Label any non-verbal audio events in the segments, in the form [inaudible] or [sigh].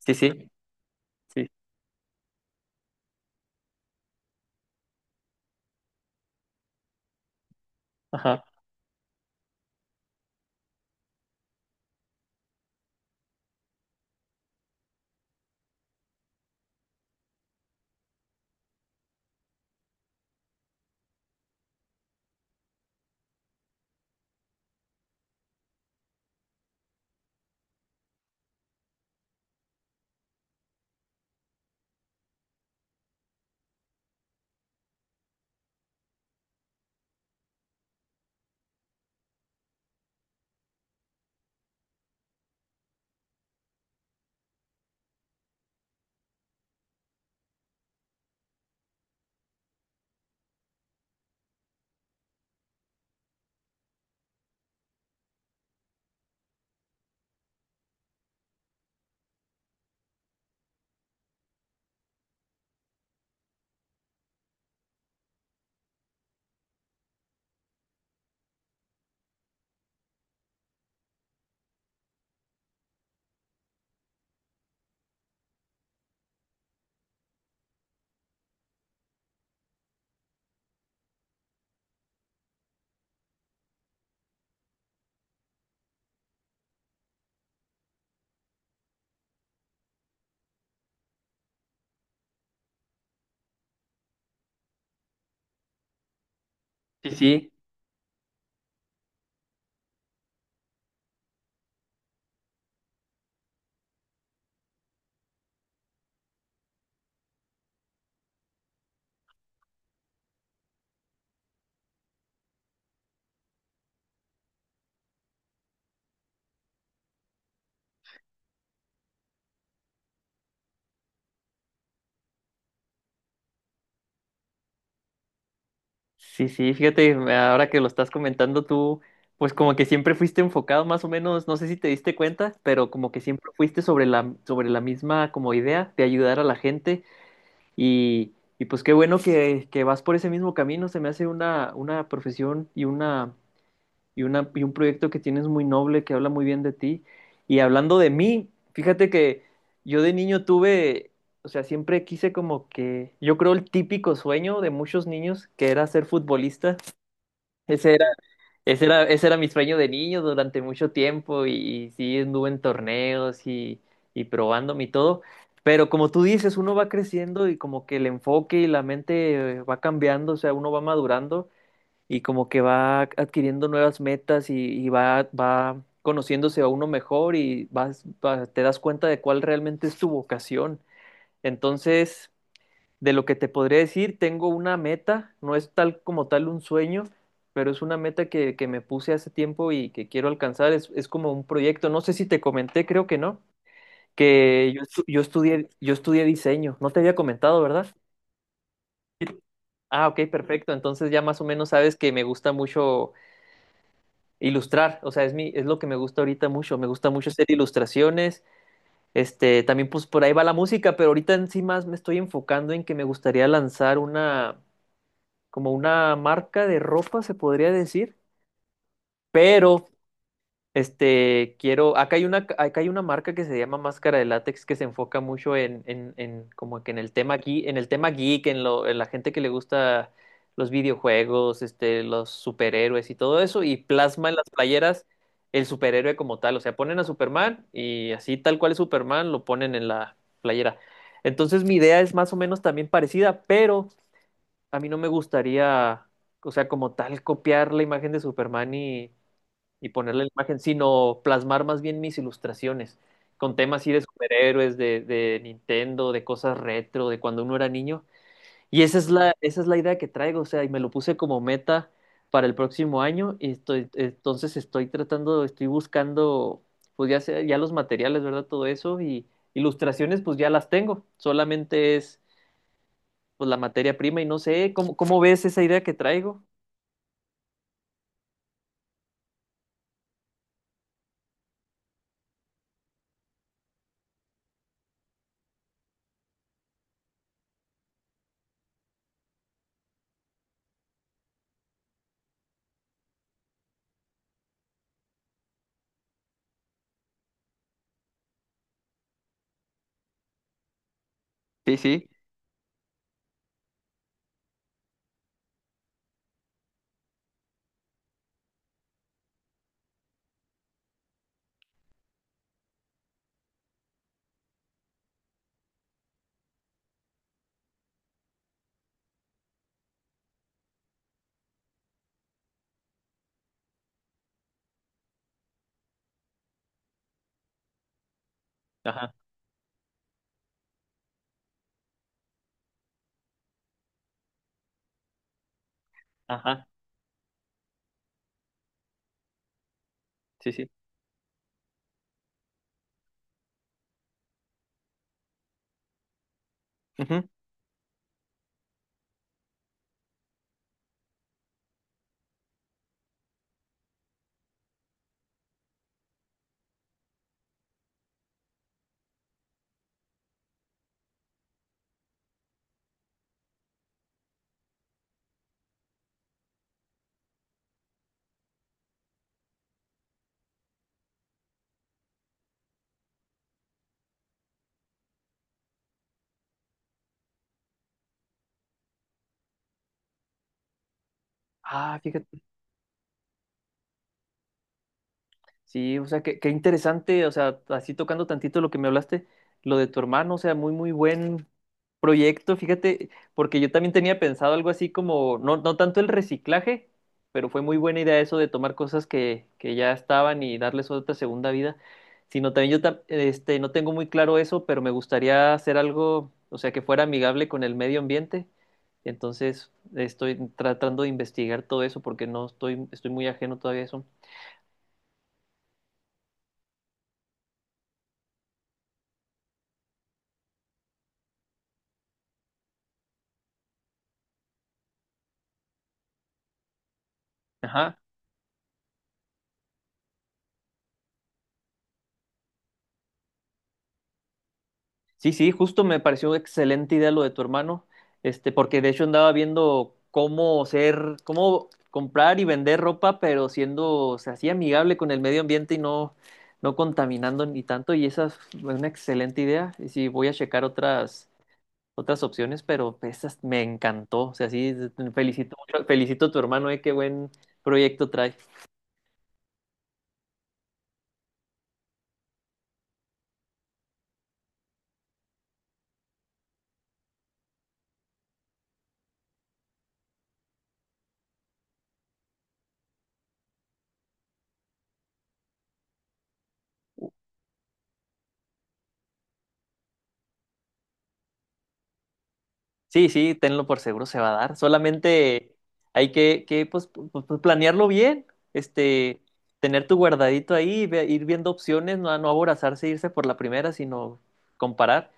Sí, sí, sí, ajá, sí, sí, sí, sí, fíjate, ahora que lo estás comentando tú, pues como que siempre fuiste enfocado más o menos, no sé si te diste cuenta, pero como que siempre fuiste sobre sobre la misma como idea de ayudar a la gente y, y pues qué bueno que vas por ese mismo camino, se me hace una profesión y una y, una, y un proyecto que tienes muy noble, que habla muy bien de ti. Y hablando de mí, fíjate que yo de niño tuve, o sea, siempre quise como que, yo creo el típico sueño de muchos niños, que era ser futbolista. Ese era, ese era, ese era mi sueño de niño durante mucho tiempo y sí, anduve en torneos y probándome y todo. Pero como tú dices, uno va creciendo y como que el enfoque y la mente va cambiando, o sea, uno va madurando y como que va adquiriendo nuevas metas y va, va conociéndose a uno mejor y vas, va- te das cuenta de cuál realmente es tu vocación. Entonces, de lo que te podría decir, tengo una meta, no es tal como tal un sueño, pero es una meta que me puse hace tiempo y que quiero alcanzar. Es como un proyecto, no sé si te comenté, creo que no, que yo, estu- yo estudié diseño, no te había comentado, ¿verdad? Ah, ok, perfecto. Entonces ya más o menos sabes que me gusta mucho ilustrar, o sea, es mi, es lo que me gusta ahorita mucho, me gusta mucho hacer ilustraciones, este, también pues por ahí va la música, pero ahorita en sí más me estoy enfocando en que me gustaría lanzar una, como una marca de ropa, se podría decir, pero este, quiero, acá hay una marca que se llama Máscara de Látex que se enfoca mucho en como que en el tema geek, en el tema geek, en lo, en la gente que le gusta los videojuegos, este, los superhéroes y todo eso, y plasma en las playeras el superhéroe como tal. O sea, ponen a Superman y así tal cual es Superman, lo ponen en la playera. Entonces, mi idea es más o menos también parecida, pero a mí no me gustaría, o sea, como tal, copiar la imagen de Superman y ponerle la imagen, sino plasmar más bien mis ilustraciones con temas así de superhéroes, de Nintendo, de cosas retro, de cuando uno era niño. Y esa es la idea que traigo, o sea, y me lo puse como meta para el próximo año y estoy, entonces estoy tratando, estoy buscando, pues ya, sea- ya los materiales, ¿verdad? Todo eso y ilustraciones, pues ya las tengo, solamente es pues la materia prima y no sé, ¿cómo, cómo ves esa idea que traigo? Sí, sí. Ajá, ajá, sí, sí. Ujú. Ah, fíjate. Sí, o sea, qué, qué interesante, o sea, así tocando tantito lo que me hablaste, lo de tu hermano, o sea, muy, muy buen proyecto, fíjate, porque yo también tenía pensado algo así como, no, no tanto el reciclaje, pero fue muy buena idea eso de tomar cosas que ya estaban y darles otra segunda vida, sino también yo, tam- este, no tengo muy claro eso, pero me gustaría hacer algo, o sea, que fuera amigable con el medio ambiente, entonces estoy tratando de investigar todo eso porque no estoy, estoy muy ajeno todavía a eso. Ajá. Sí, sí, justo me pareció excelente idea lo de tu hermano, este, porque de hecho andaba viendo cómo ser, cómo comprar y vender ropa, pero siendo, o sea, así amigable con el medio ambiente y no, no contaminando ni tanto, y esa es una excelente idea, y sí, voy a checar otras, otras opciones, pero esas me encantó, o sea, sí, felicito, mucho- felicito a tu hermano, qué buen proyecto trae. Sí, sí, tenlo por seguro se va a dar. Solamente hay que, pues, pu- pu- pu- planearlo bien, este, tener tu guardadito ahí, ve- ir viendo opciones, no, no aborazarse, e irse por la primera, sino comparar.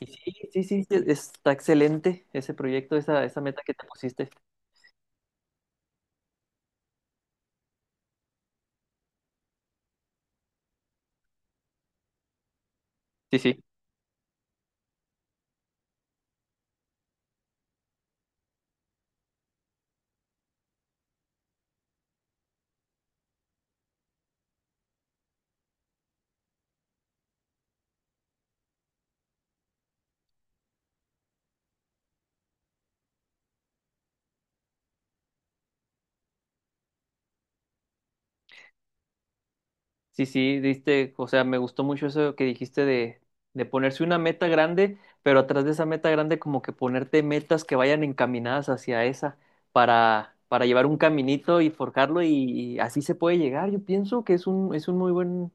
Y sí, sí, sí, sí, está excelente ese proyecto, esa meta que te pusiste. Sí, sí. Sí, sí, diste, o sea, me gustó mucho eso que dijiste de ponerse una meta grande, pero atrás de esa meta grande como que ponerte metas que vayan encaminadas hacia esa para llevar un caminito y forjarlo y así se puede llegar. Yo pienso que es un muy buen,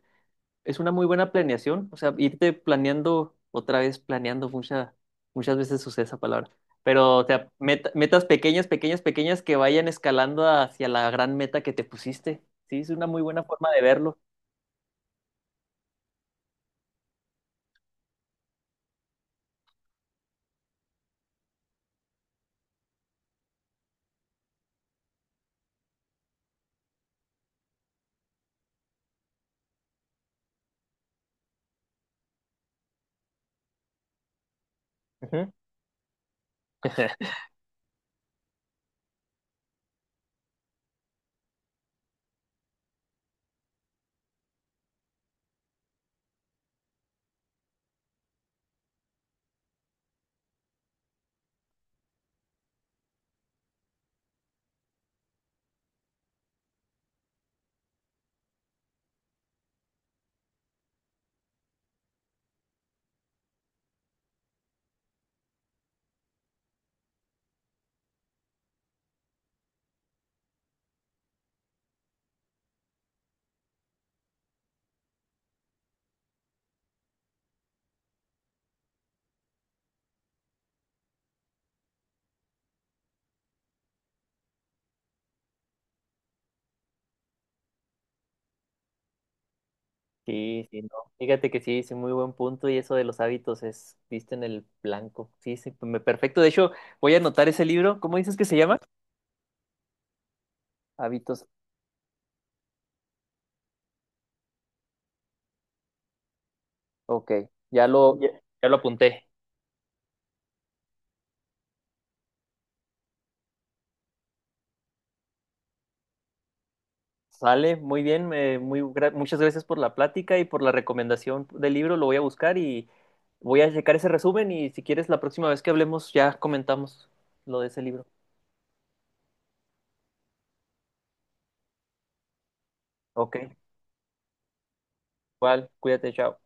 es una muy buena planeación, o sea, irte planeando, otra vez planeando, mucha, muchas veces usé esa palabra, pero o sea, meta- metas pequeñas, pequeñas, pequeñas que vayan escalando hacia la gran meta que te pusiste. Sí, es una muy buena forma de verlo. [laughs] Sí, sí, no. Fíjate que sí, sí, muy buen punto y eso de los hábitos es, diste en el blanco. Sí, sí, me- perfecto. De hecho, voy a anotar ese libro. ¿Cómo dices que se llama? Hábitos. Ok, ya lo, ya, ya lo apunté. Sale, muy bien, me- muy, gra- muchas gracias por la plática y por la recomendación del libro. Lo voy a buscar y voy a checar ese resumen y si quieres la próxima vez que hablemos ya comentamos lo de ese libro. Ok, igual, cuídate, chao.